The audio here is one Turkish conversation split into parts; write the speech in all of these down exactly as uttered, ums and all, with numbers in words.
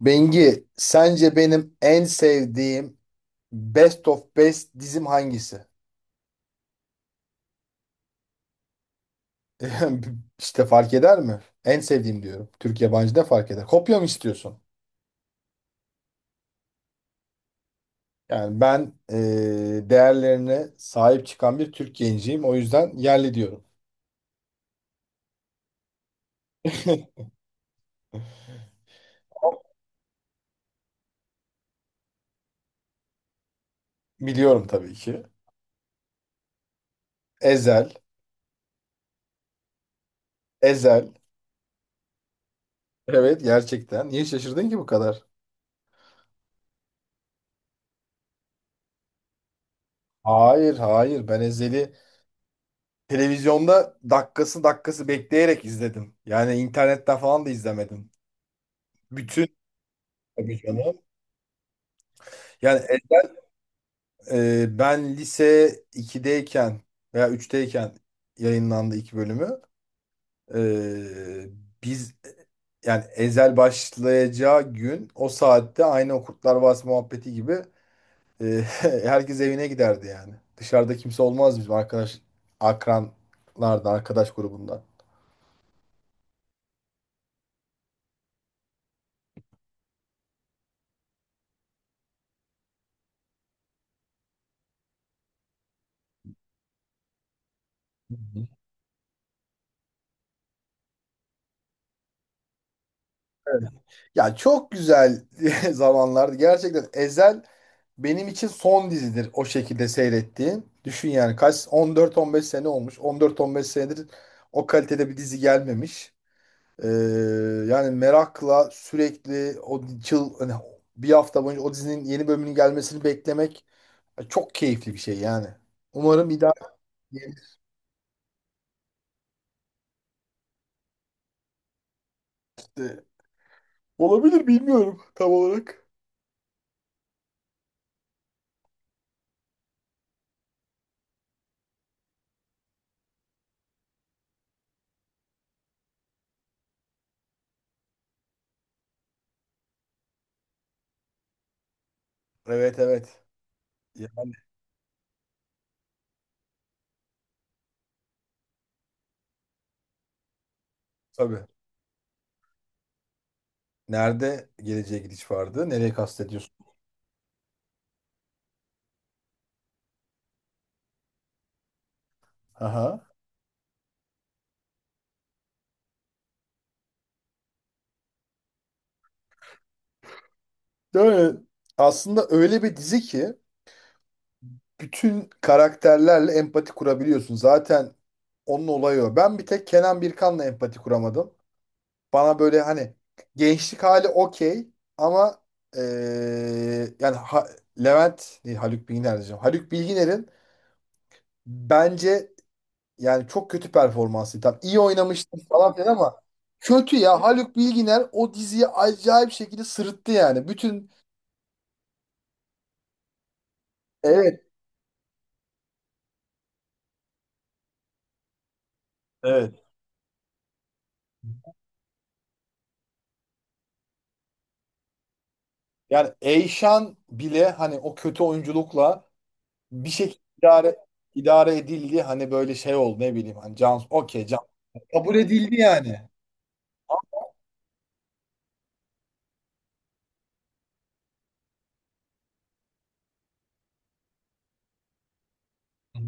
Bengi, sence benim en sevdiğim Best of Best dizim hangisi? İşte fark eder mi? En sevdiğim diyorum. Türk yabancı da fark eder. Kopya mı istiyorsun? Yani ben eee, değerlerine sahip çıkan bir Türk genciyim. O yüzden yerli diyorum. Biliyorum tabii ki. Ezel, Ezel. Evet, gerçekten. Niye şaşırdın ki bu kadar? Hayır, hayır. Ben Ezel'i televizyonda dakikası dakikası bekleyerek izledim. Yani internetten falan da izlemedim. Bütün tabii canım. Yani elden, e, ben lise ikideyken veya üçteyken yayınlandı iki bölümü. E, biz e, yani Ezel başlayacağı gün o saatte aynı o Kurtlar Vadisi muhabbeti gibi e, herkes evine giderdi yani. Dışarıda kimse olmaz bizim arkadaş akranlardan, arkadaş grubundan. Hı hı. Ya, çok güzel zamanlardı. Gerçekten Ezel benim için son dizidir o şekilde seyrettiğim. Düşün yani kaç, on dört on beş sene olmuş. on dört on beş senedir o kalitede bir dizi gelmemiş. Ee, yani merakla sürekli o çıl, hani bir hafta boyunca o dizinin yeni bölümünün gelmesini beklemek çok keyifli bir şey yani. Umarım bir daha yenisi olabilir, bilmiyorum tam olarak. Evet, evet. Ya, tabii. Nerede geleceğe gidiş vardı? Nereye kastediyorsun? Aha. Böyle aslında öyle bir dizi ki bütün karakterlerle empati kurabiliyorsun. Zaten onun olayı o. Ben bir tek Kenan Birkan'la empati kuramadım. Bana böyle hani gençlik hali okey ama eee, yani Ha- Levent değil, Haluk Bilginer diyeceğim. Haluk Bilginer'in bence yani çok kötü performansı. Tam iyi oynamıştı falan filan ama kötü ya. Haluk Bilginer o diziyi acayip şekilde sırıttı yani. Bütün. Evet. Evet. Yani Eyşan bile hani o kötü oyunculukla bir şekilde idare, idare edildi. Hani böyle şey oldu, ne bileyim. Hani Can, okey, Can kabul edildi yani. Hı hı.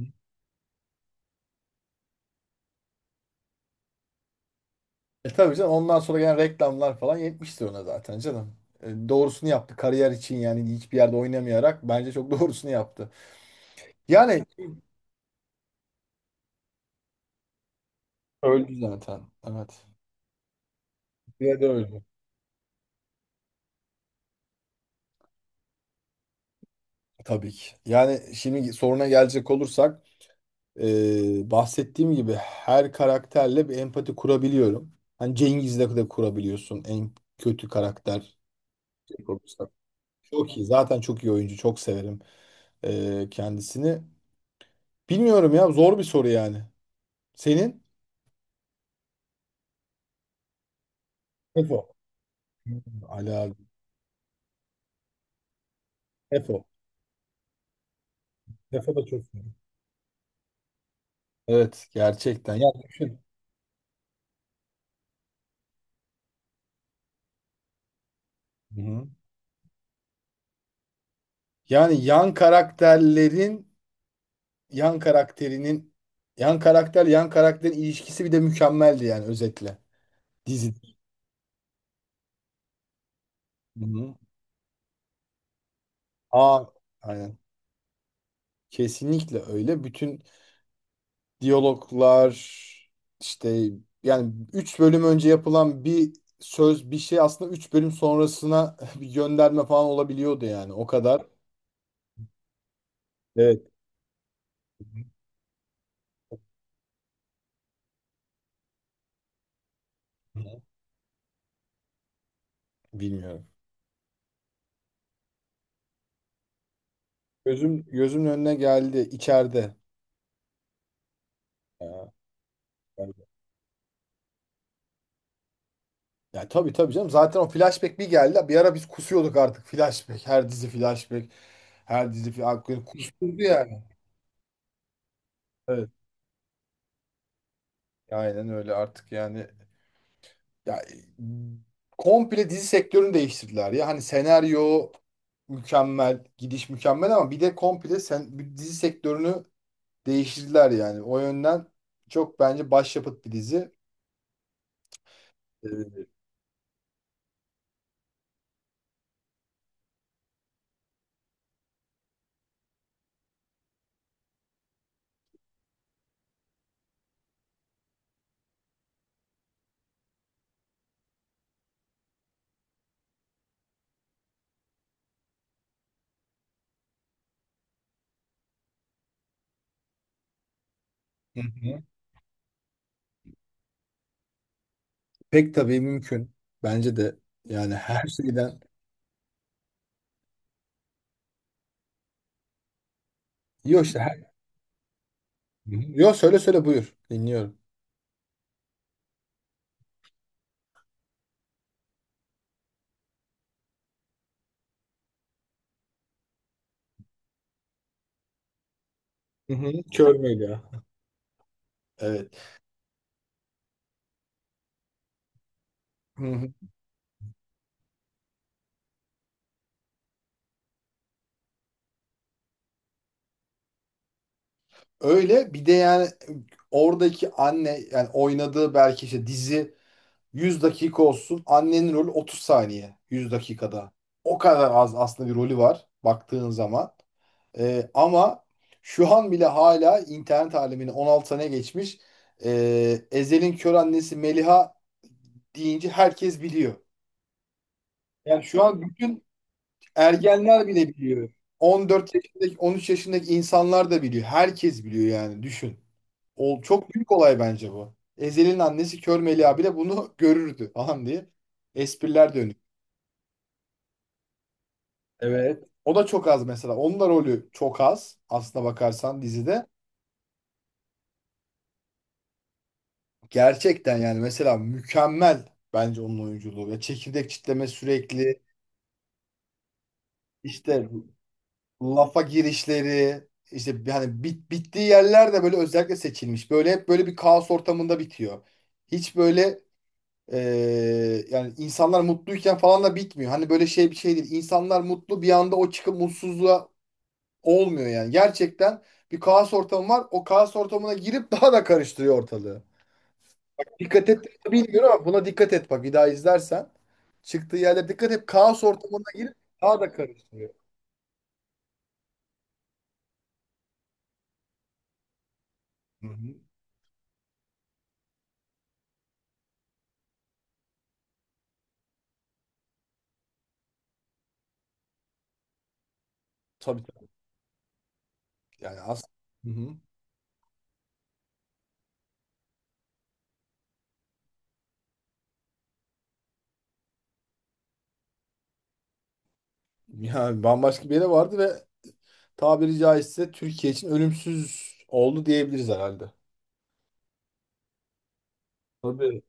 E tabii canım, ondan sonra gelen reklamlar falan yetmiştir ona zaten canım. E, doğrusunu yaptı. Kariyer için yani hiçbir yerde oynamayarak bence çok doğrusunu yaptı. Yani öldü zaten. Evet. Bir de öldü. Tabii ki. Yani şimdi soruna gelecek olursak e, bahsettiğim gibi her karakterle bir empati kurabiliyorum. Hani Cengiz'le de kurabiliyorsun, en kötü karakter. Çok iyi. Zaten çok iyi oyuncu. Çok severim e, kendisini. Bilmiyorum ya. Zor bir soru yani. Senin? Tefo. Hmm, Ali abi. Tefo. Tefo da çok iyi. Evet. Gerçekten. Ya düşün. Hı hı. Yani yan karakterlerin yan karakterinin yan karakter yan karakterin ilişkisi bir de mükemmeldi yani, özetle. Dizi. Hı hı. Aa, aynen. Kesinlikle öyle. Bütün diyaloglar işte, yani üç bölüm önce yapılan bir söz bir şey aslında üç bölüm sonrasına bir gönderme falan olabiliyordu yani. O kadar. Evet. Bilmiyorum. Gözüm gözümün önüne geldi içeride. Ya, yani- ya tabii, tabii canım. Zaten o flashback bir geldi. Bir ara biz kusuyorduk artık flashback. Her dizi flashback. Her dizi flashback. Kusturdu yani. Evet. Aynen öyle artık yani. Ya, komple dizi sektörünü değiştirdiler ya. Hani senaryo mükemmel, gidiş mükemmel, ama bir de komple sen, bir dizi sektörünü değiştirdiler yani. O yönden çok bence başyapıt bir dizi. Ee, Hı hı. Pek tabii mümkün. Bence de, yani her şeyden. Yok, işte her... Yok, söyle söyle, buyur. Dinliyorum. Hı hı, kör müydü ya? Evet. Hı hı. Öyle bir de yani oradaki anne yani oynadığı, belki işte dizi yüz dakika olsun. Annenin rolü otuz saniye yüz dakikada. O kadar az aslında bir rolü var baktığın zaman. Ee, ama şu an bile hala internet alemine on altı sene geçmiş. Ee, Ezel'in kör annesi Meliha deyince herkes biliyor. Yani şu an bütün ergenler bile biliyor. On dört yaşındaki, on üç yaşındaki insanlar da biliyor. Herkes biliyor yani, düşün. Ol, çok büyük olay bence bu. Ezel'in annesi Kör Melia bile bunu görürdü falan diye espriler dönüyor. Evet. O da çok az mesela. Onun da rolü çok az aslına bakarsan dizide. Gerçekten yani mesela mükemmel bence onun oyunculuğu. Ya çekirdek çitleme sürekli, işte lafa girişleri, işte bir- hani bit, bittiği yerler de böyle özellikle seçilmiş. Böyle hep böyle bir kaos ortamında bitiyor. Hiç böyle Ee, yani insanlar mutluyken falan da bitmiyor. Hani böyle şey, bir şey değil. İnsanlar mutlu bir anda o çıkıp mutsuzluğa olmuyor yani. Gerçekten bir kaos ortamı var. O kaos ortamına girip daha da karıştırıyor ortalığı. Dikkat et, bilmiyorum ama buna dikkat et bak bir daha izlersen. Çıktığı yerde dikkat et, kaos ortamına girip daha da karıştırıyor. Hı hı. Tabii, tabii. Yani aslında, hı hı, yani bambaşka bir yere vardı ve tabiri caizse Türkiye için ölümsüz oldu diyebiliriz herhalde. Tabii.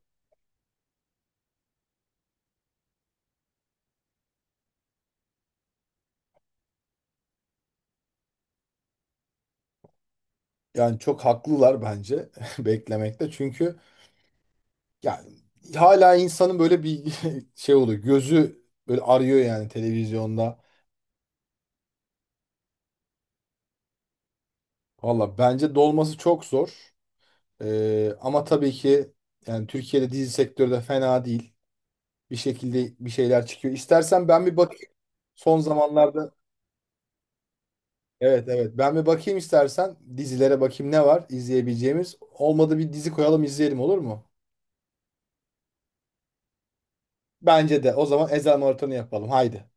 Yani çok haklılar bence beklemekte. Çünkü yani hala insanın böyle bir şey oluyor. Gözü böyle arıyor yani televizyonda. Valla bence dolması çok zor. Ee, ama tabii ki yani Türkiye'de dizi sektörü de fena değil. Bir şekilde bir şeyler çıkıyor. İstersen ben bir bakayım. Son zamanlarda, evet evet, ben bir bakayım, istersen dizilere bakayım ne var izleyebileceğimiz. Olmadı bir dizi koyalım izleyelim, olur mu? Bence de. O zaman Ezel Marathonu yapalım. Haydi.